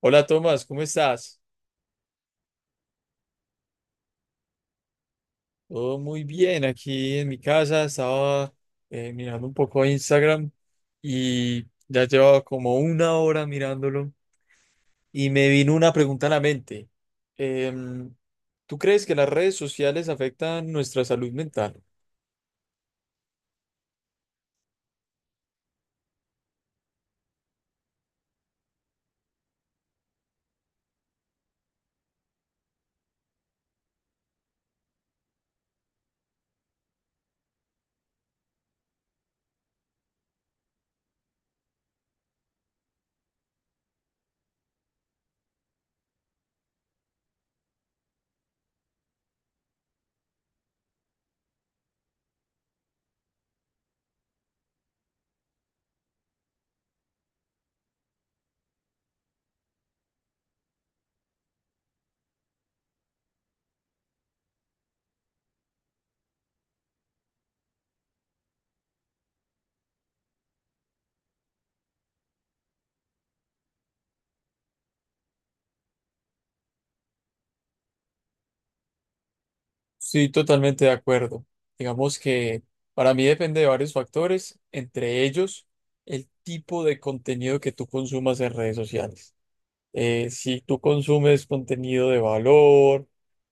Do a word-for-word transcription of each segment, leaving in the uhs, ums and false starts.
Hola Tomás, ¿cómo estás? Todo muy bien aquí en mi casa. Estaba eh, mirando un poco Instagram y ya llevaba como una hora mirándolo y me vino una pregunta a la mente. Em, ¿Tú crees que las redes sociales afectan nuestra salud mental? Sí, totalmente de acuerdo. Digamos que para mí depende de varios factores, entre ellos el tipo de contenido que tú consumas en redes sociales. Eh, si tú consumes contenido de valor,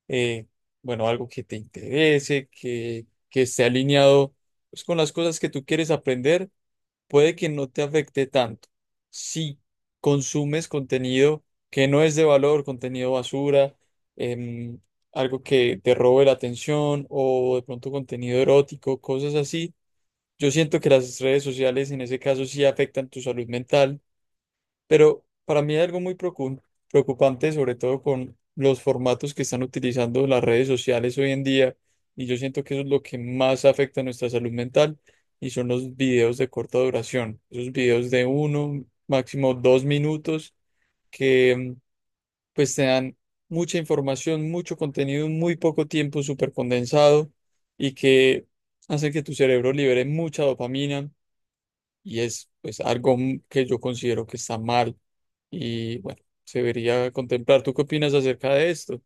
eh, bueno, algo que te interese, que, que esté alineado, pues, con las cosas que tú quieres aprender, puede que no te afecte tanto. Si consumes contenido que no es de valor, contenido basura, em, algo que te robe la atención o de pronto contenido erótico, cosas así, yo siento que las redes sociales en ese caso sí afectan tu salud mental, pero para mí hay algo muy preocu- preocupante, sobre todo con los formatos que están utilizando las redes sociales hoy en día, y yo siento que eso es lo que más afecta a nuestra salud mental, y son los videos de corta duración, esos videos de uno, máximo dos minutos, que mm, pues te dan mucha información, mucho contenido en muy poco tiempo, súper condensado, y que hacen que tu cerebro libere mucha dopamina, y es pues algo m- que yo considero que está mal y, bueno, se debería contemplar. ¿Tú qué opinas acerca de esto?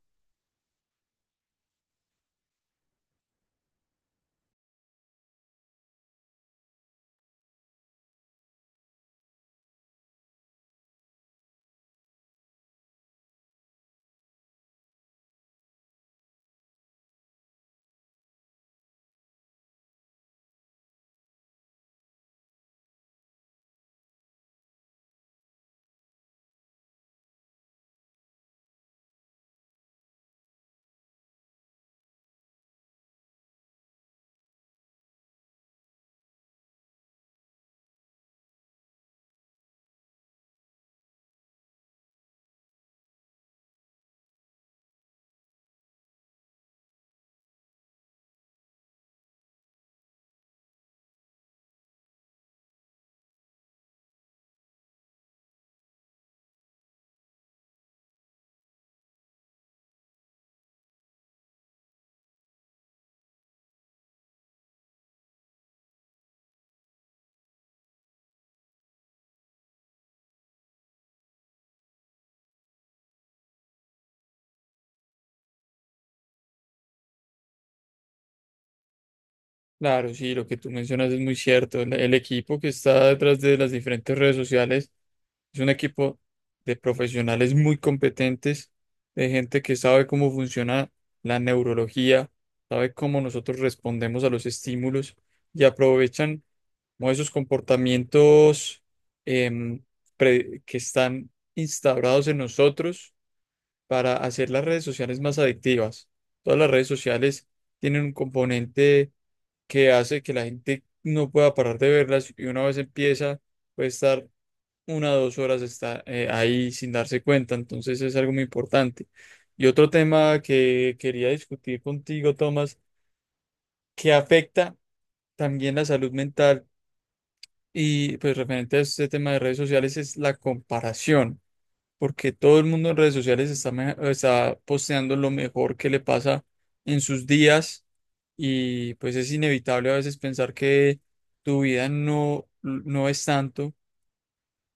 Claro, sí, lo que tú mencionas es muy cierto. El, el equipo que está detrás de las diferentes redes sociales es un equipo de profesionales muy competentes, de gente que sabe cómo funciona la neurología, sabe cómo nosotros respondemos a los estímulos y aprovechan como esos comportamientos, em, pre- que están instaurados en nosotros para hacer las redes sociales más adictivas. Todas las redes sociales tienen un componente que hace que la gente no pueda parar de verlas, y una vez empieza puede estar una o dos horas está, eh, ahí sin darse cuenta. Entonces es algo muy importante. Y otro tema que quería discutir contigo, Tomás, que afecta también la salud mental, y pues referente a este tema de redes sociales, es la comparación. Porque todo el mundo en redes sociales está, me- está posteando lo mejor que le pasa en sus días, y pues es inevitable a veces pensar que tu vida no, no es tanto,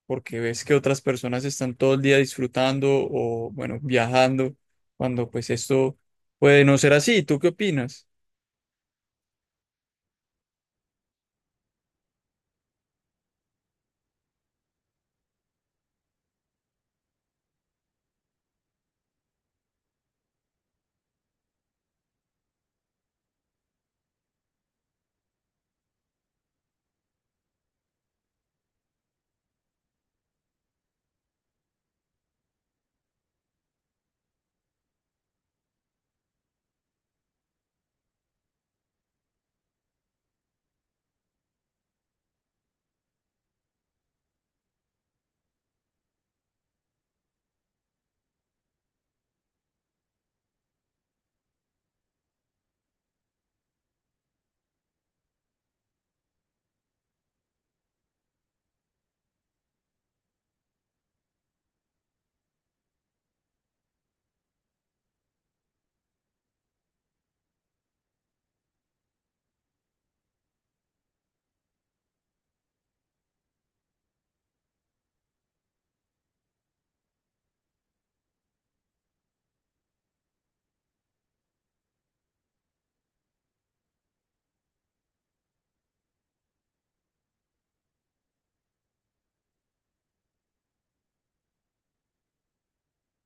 porque ves que otras personas están todo el día disfrutando o, bueno, viajando, cuando pues esto puede no ser así. ¿Tú qué opinas?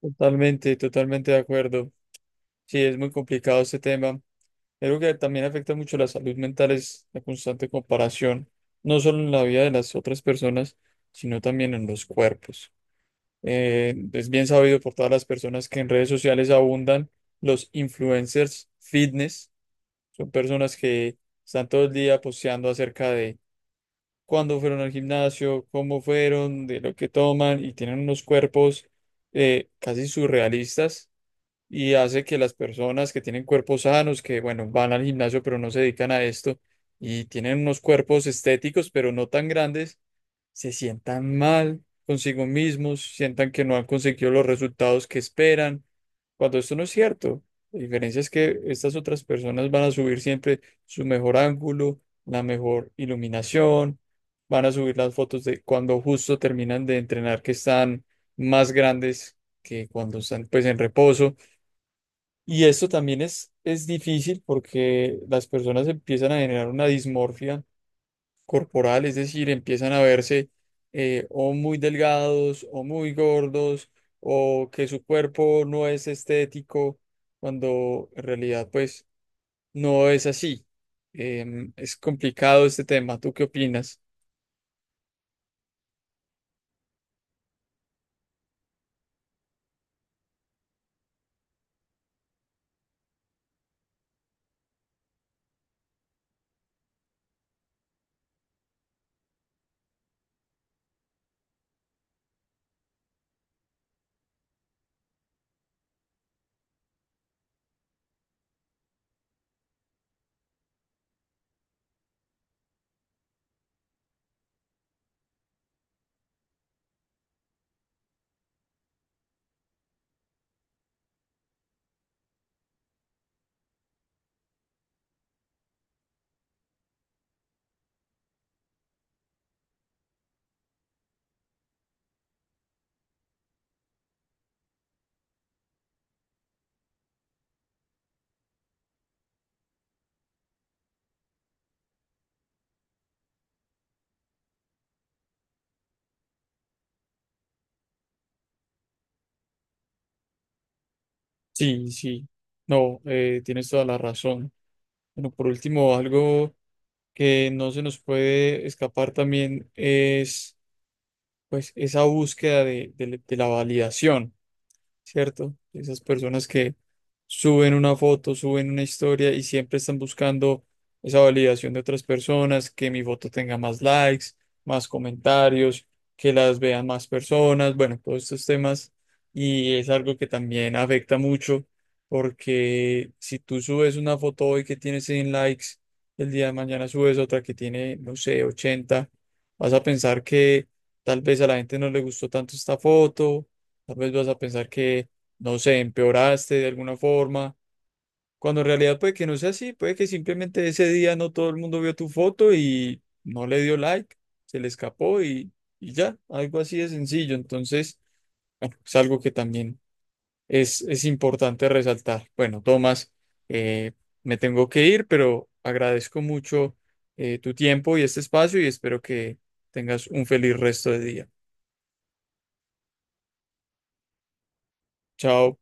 Totalmente, totalmente de acuerdo. Sí, es muy complicado este tema. Algo que también afecta mucho la salud mental es la constante comparación, no solo en la vida de las otras personas, sino también en los cuerpos. Eh, es bien sabido por todas las personas que en redes sociales abundan los influencers fitness. Son personas que están todo el día posteando acerca de cuándo fueron al gimnasio, cómo fueron, de lo que toman, y tienen unos cuerpos eh, casi surrealistas, y hace que las personas que tienen cuerpos sanos, que bueno, van al gimnasio pero no se dedican a esto, y tienen unos cuerpos estéticos pero no tan grandes, se sientan mal consigo mismos, sientan que no han conseguido los resultados que esperan, cuando esto no es cierto. La diferencia es que estas otras personas van a subir siempre su mejor ángulo, la mejor iluminación, van a subir las fotos de cuando justo terminan de entrenar, que están más grandes que cuando están pues en reposo. Y esto también es, es difícil porque las personas empiezan a generar una dismorfia corporal, es decir, empiezan a verse eh, o muy delgados o muy gordos o que su cuerpo no es estético, cuando en realidad pues no es así. Em, es complicado este tema. ¿Tú qué opinas? Sí, sí. No, eh, tienes toda la razón. Bueno, por último, algo que no se nos puede escapar también es pues esa búsqueda de, de- de la validación. ¿Cierto? Esas personas que suben una foto, suben una historia y siempre están buscando esa validación de otras personas, que mi foto tenga más likes, más comentarios, que las vean más personas, bueno, todos estos temas. Y es algo que también afecta mucho, porque si tú subes una foto hoy que tiene cien likes, el día de mañana subes otra que tiene, no sé, ochenta, vas a pensar que tal vez a la gente no le gustó tanto esta foto. Tal vez vas a pensar que, no sé, empeoraste de alguna forma, cuando en realidad puede que no sea así, puede que simplemente ese día no todo el mundo vio tu foto y no le dio like, se le escapó y, y ya, algo así de sencillo. Entonces, bueno, es algo que también es, es importante resaltar. Bueno, Tomás, eh, me tengo que ir, pero agradezco mucho eh, tu tiempo y este espacio, y espero que tengas un feliz resto de día. Chao.